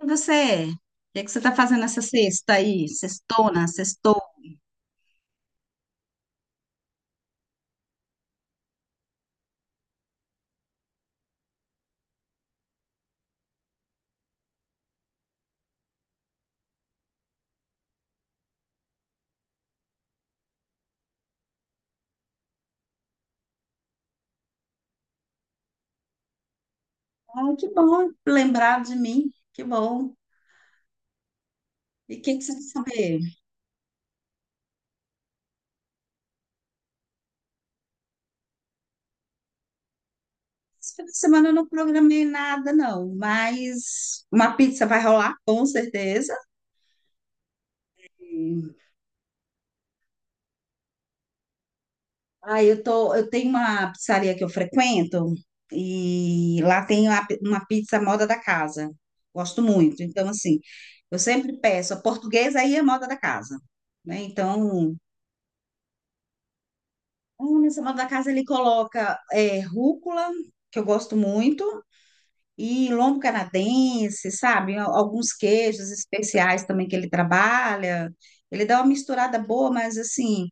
E você? O que que você está fazendo essa sexta aí? Sextona, sextou? Ah, que bom lembrar de mim. Que bom. E o que que você quer saber? Esse fim de semana eu não programei nada, não, mas uma pizza vai rolar, com certeza. Ah, eu tenho uma pizzaria que eu frequento e lá tem uma pizza moda da casa. Gosto muito. Então, assim, eu sempre peço a portuguesa aí é moda da casa, né? Então, nessa moda da casa ele coloca rúcula, que eu gosto muito, e lombo canadense, sabe? Alguns queijos especiais também que ele trabalha. Ele dá uma misturada boa, mas assim.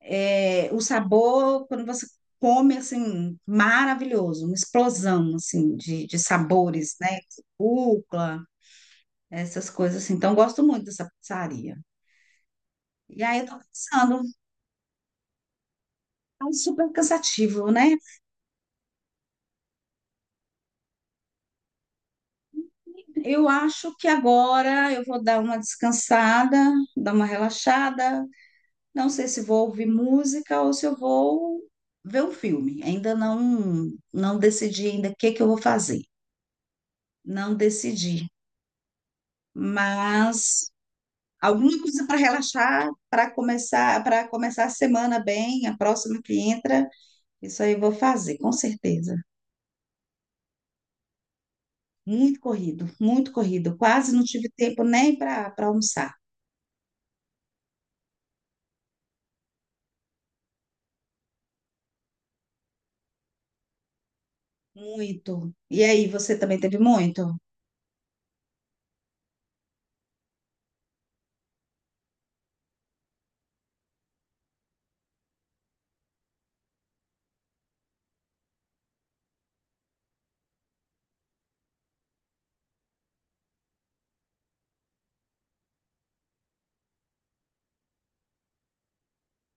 É, o sabor, quando você come, assim, maravilhoso, uma explosão, assim, de sabores, né? Rúcula, essas coisas, assim. Então, eu gosto muito dessa pizzaria. E aí, eu tô pensando, é super cansativo, né? Eu acho que agora eu vou dar uma descansada, dar uma relaxada. Não sei se vou ouvir música ou se eu vou ver um filme. Ainda não, não decidi ainda o que que eu vou fazer. Não decidi. Mas alguma coisa para relaxar, para começar a semana bem, a próxima que entra. Isso aí eu vou fazer, com certeza. Muito corrido, muito corrido. Quase não tive tempo nem para almoçar. Muito. E aí, você também teve muito?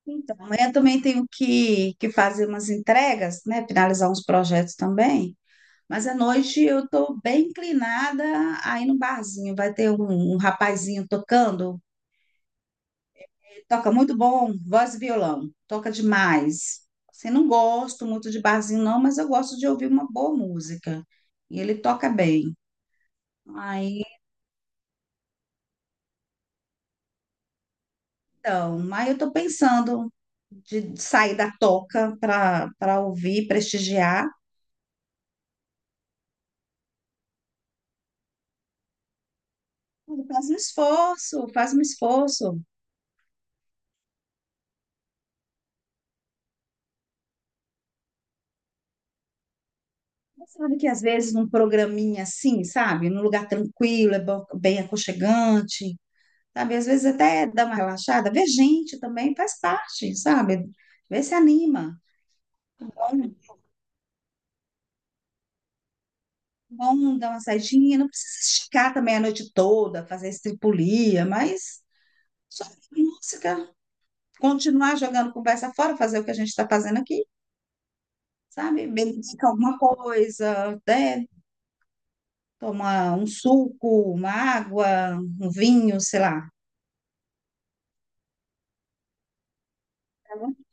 Então, amanhã também tenho que fazer umas entregas, né? Finalizar uns projetos também. Mas à noite eu estou bem inclinada aí no barzinho. Vai ter um rapazinho tocando. Toca muito bom, voz e violão. Toca demais. Assim, não gosto muito de barzinho, não, mas eu gosto de ouvir uma boa música. E ele toca bem. Aí, então, aí eu tô pensando de sair da toca para ouvir, prestigiar. Faz um esforço, faz um esforço. Você sabe que às vezes num programinha assim, sabe? Num lugar tranquilo, é bem aconchegante, sabe? Às vezes até dá uma relaxada. Ver gente também, faz parte, sabe? Vê se anima. Bom, bom dar uma saidinha, não precisa esticar também a noite toda, fazer estripulia, mas só música, continuar jogando conversa fora, fazer o que a gente está fazendo aqui, sabe? Beber alguma coisa, né? Tomar um suco, uma água, um vinho, sei lá.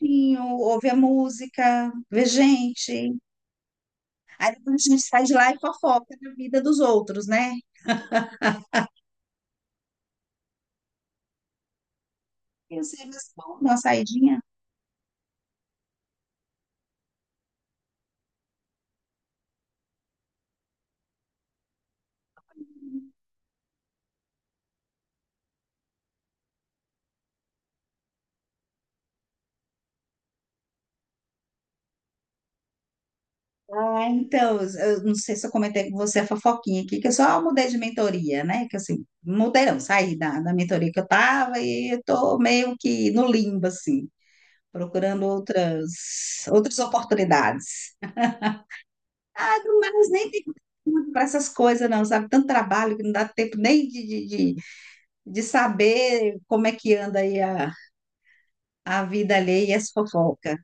Vinho, ouvir a música, ver gente. Aí depois a gente sai de lá e fofoca da vida dos outros, né? Eu sei, mas bom, dar uma saidinha. Ah, então, eu não sei se eu comentei com você a fofoquinha aqui, que eu só mudei de mentoria, né? Que assim, mudei não, saí da mentoria que eu tava e eu tô meio que no limbo, assim, procurando outras oportunidades. Mas nem tem tempo para essas coisas, não, sabe? Tanto trabalho que não dá tempo nem de, de saber como é que anda aí a vida alheia e as fofocas.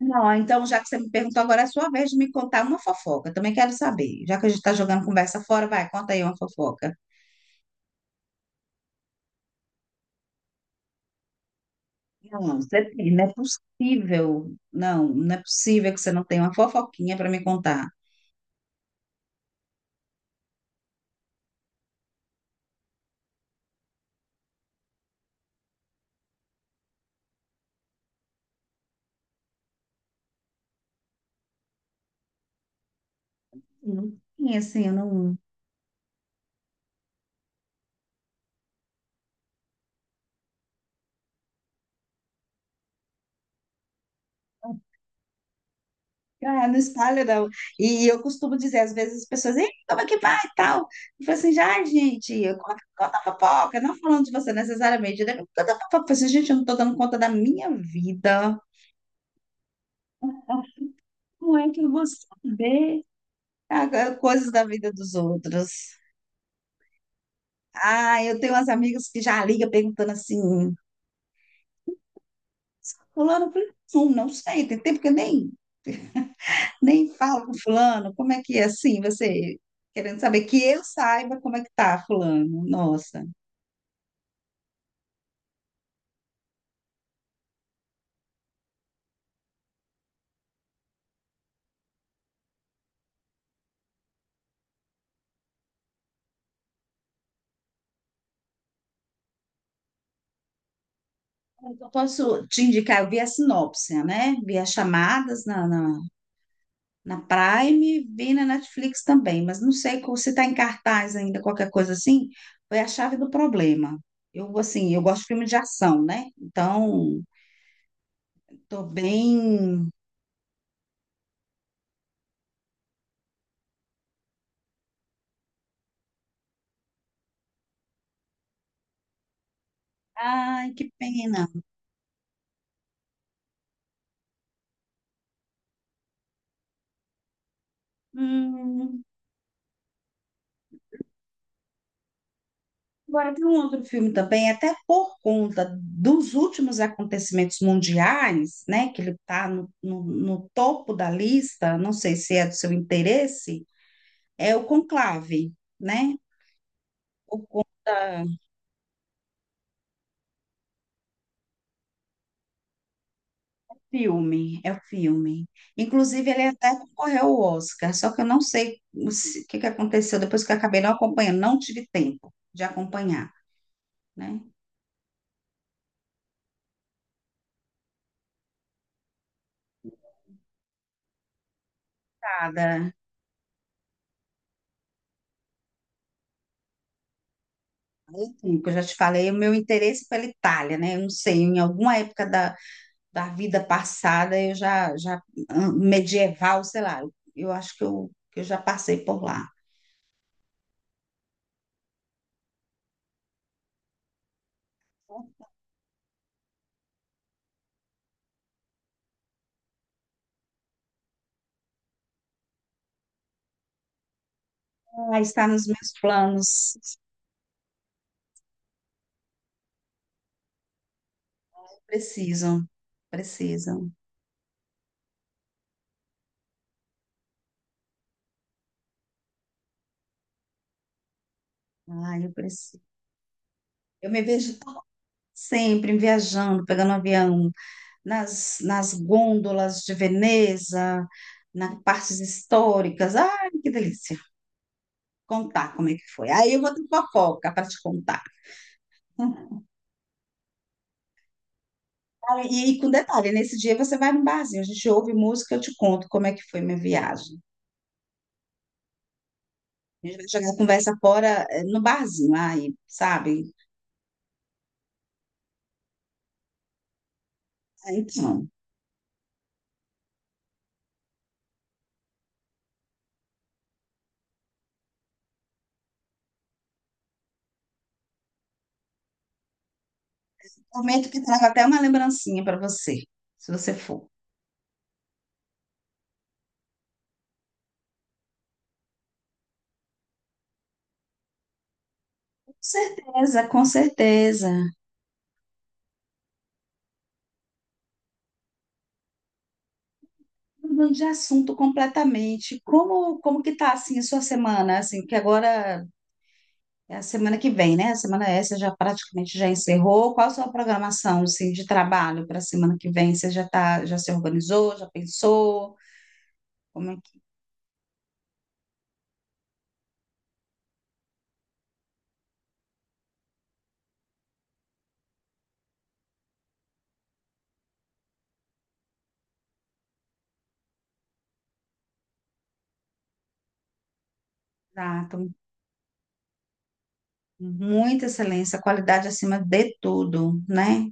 Não, então, já que você me perguntou, agora é a sua vez de me contar uma fofoca. Também quero saber. Já que a gente está jogando conversa fora, vai, conta aí uma fofoca. Não, você tem, não é possível. Não, não é possível que você não tenha uma fofoquinha para me contar. Não tem, assim, eu não. Ah, não espalha, não. E eu costumo dizer, às vezes, as pessoas, "Ei, como é que vai e tal?" Eu falo assim, já, gente, eu conta a fofoca, não falando de você necessariamente, né? Conta a fofoca. Eu falo assim, gente, eu não estou dando conta da minha vida. Como é que eu vou saber? Ah, coisas da vida dos outros. Ah, eu tenho umas amigas que já ligam perguntando assim, fulano, fulano, não, não sei, tem tempo que eu nem falo com fulano, como é que é assim, você querendo saber que eu saiba como é que tá fulano, nossa. Eu posso te indicar, eu vi a sinopse, né? Vi as chamadas na Prime, vi na Netflix também, mas não sei se tá em cartaz ainda, qualquer coisa assim, foi a chave do problema. Eu, assim, eu gosto de filme de ação, né? Então... Tô bem. Ai, que pena. Hum, Agora tem um outro filme também, até por conta dos últimos acontecimentos mundiais, né? Que ele está no topo da lista, não sei se é do seu interesse, é o Conclave, né? Por conta filme, é o filme. Inclusive, ele até concorreu ao Oscar, só que eu não sei o se- o que que aconteceu depois que eu acabei não acompanhando, não tive tempo de acompanhar, né? Sim, que eu já te falei, o meu interesse pela Itália, né? Eu não sei, em alguma época da vida passada, eu já medieval, sei lá, eu acho que eu já passei por lá. Ah, está nos meus planos. Precisam, precisam. Ah, eu preciso. Eu me vejo sempre viajando, pegando um avião, nas gôndolas de Veneza, nas partes históricas. Ai, que delícia. Contar como é que foi. Aí eu vou ter fofoca para te contar. Cara, e com detalhe, nesse dia você vai num barzinho, a gente ouve música, eu te conto como é que foi minha viagem. A gente vai jogar a conversa fora no barzinho, aí, sabe? Ah, então, momento que trago até uma lembrancinha para você, se você for. Com certeza, com certeza. Mudando de assunto completamente. Como que tá assim a sua semana? Assim, que agora é a semana que vem, né? A semana essa já praticamente já encerrou. Qual a sua programação, assim, de trabalho para a semana que vem? Você já tá, já se organizou, já pensou? Como é que tá? Então, muita excelência, qualidade acima de tudo, né?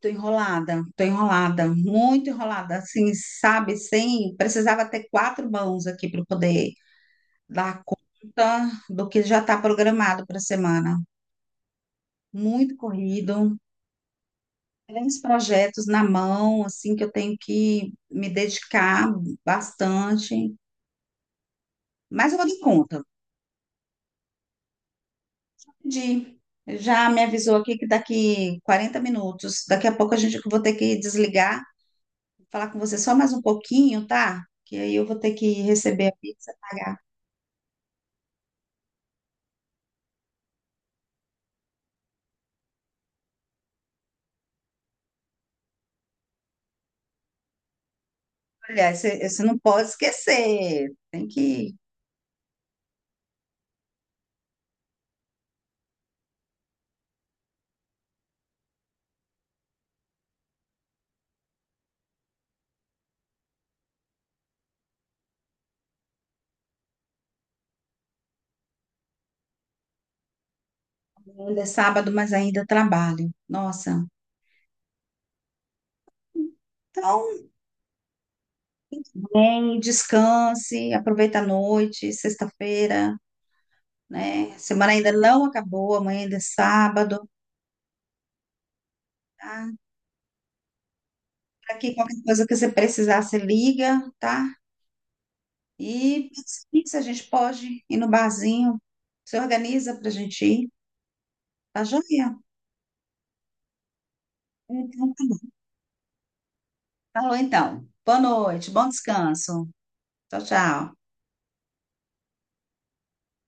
Tô enrolada, muito enrolada, assim, sabe? Sem, precisava ter quatro mãos aqui para poder dar conta do que já está programado para a semana. Muito corrido, é uns projetos na mão, assim, que eu tenho que me dedicar bastante, mas eu vou dar conta. De, Já me avisou aqui que daqui 40 minutos, daqui a pouco a gente eu vou ter que desligar, falar com você só mais um pouquinho, tá? Que aí eu vou ter que receber a pizza, pagar. Olha, você não pode esquecer. Tem que. Ainda é sábado, mas ainda trabalho. Nossa. Então, bem, descanse, aproveita a noite, sexta-feira. Né? A semana ainda não acabou, amanhã ainda é sábado, tá? Tá aqui qualquer coisa que você precisar, você liga, tá? E sim, se a gente pode ir no barzinho, se organiza pra gente ir, tá joia? Então, tá bom. Falou então. Boa noite, bom descanso. Tchau, tchau.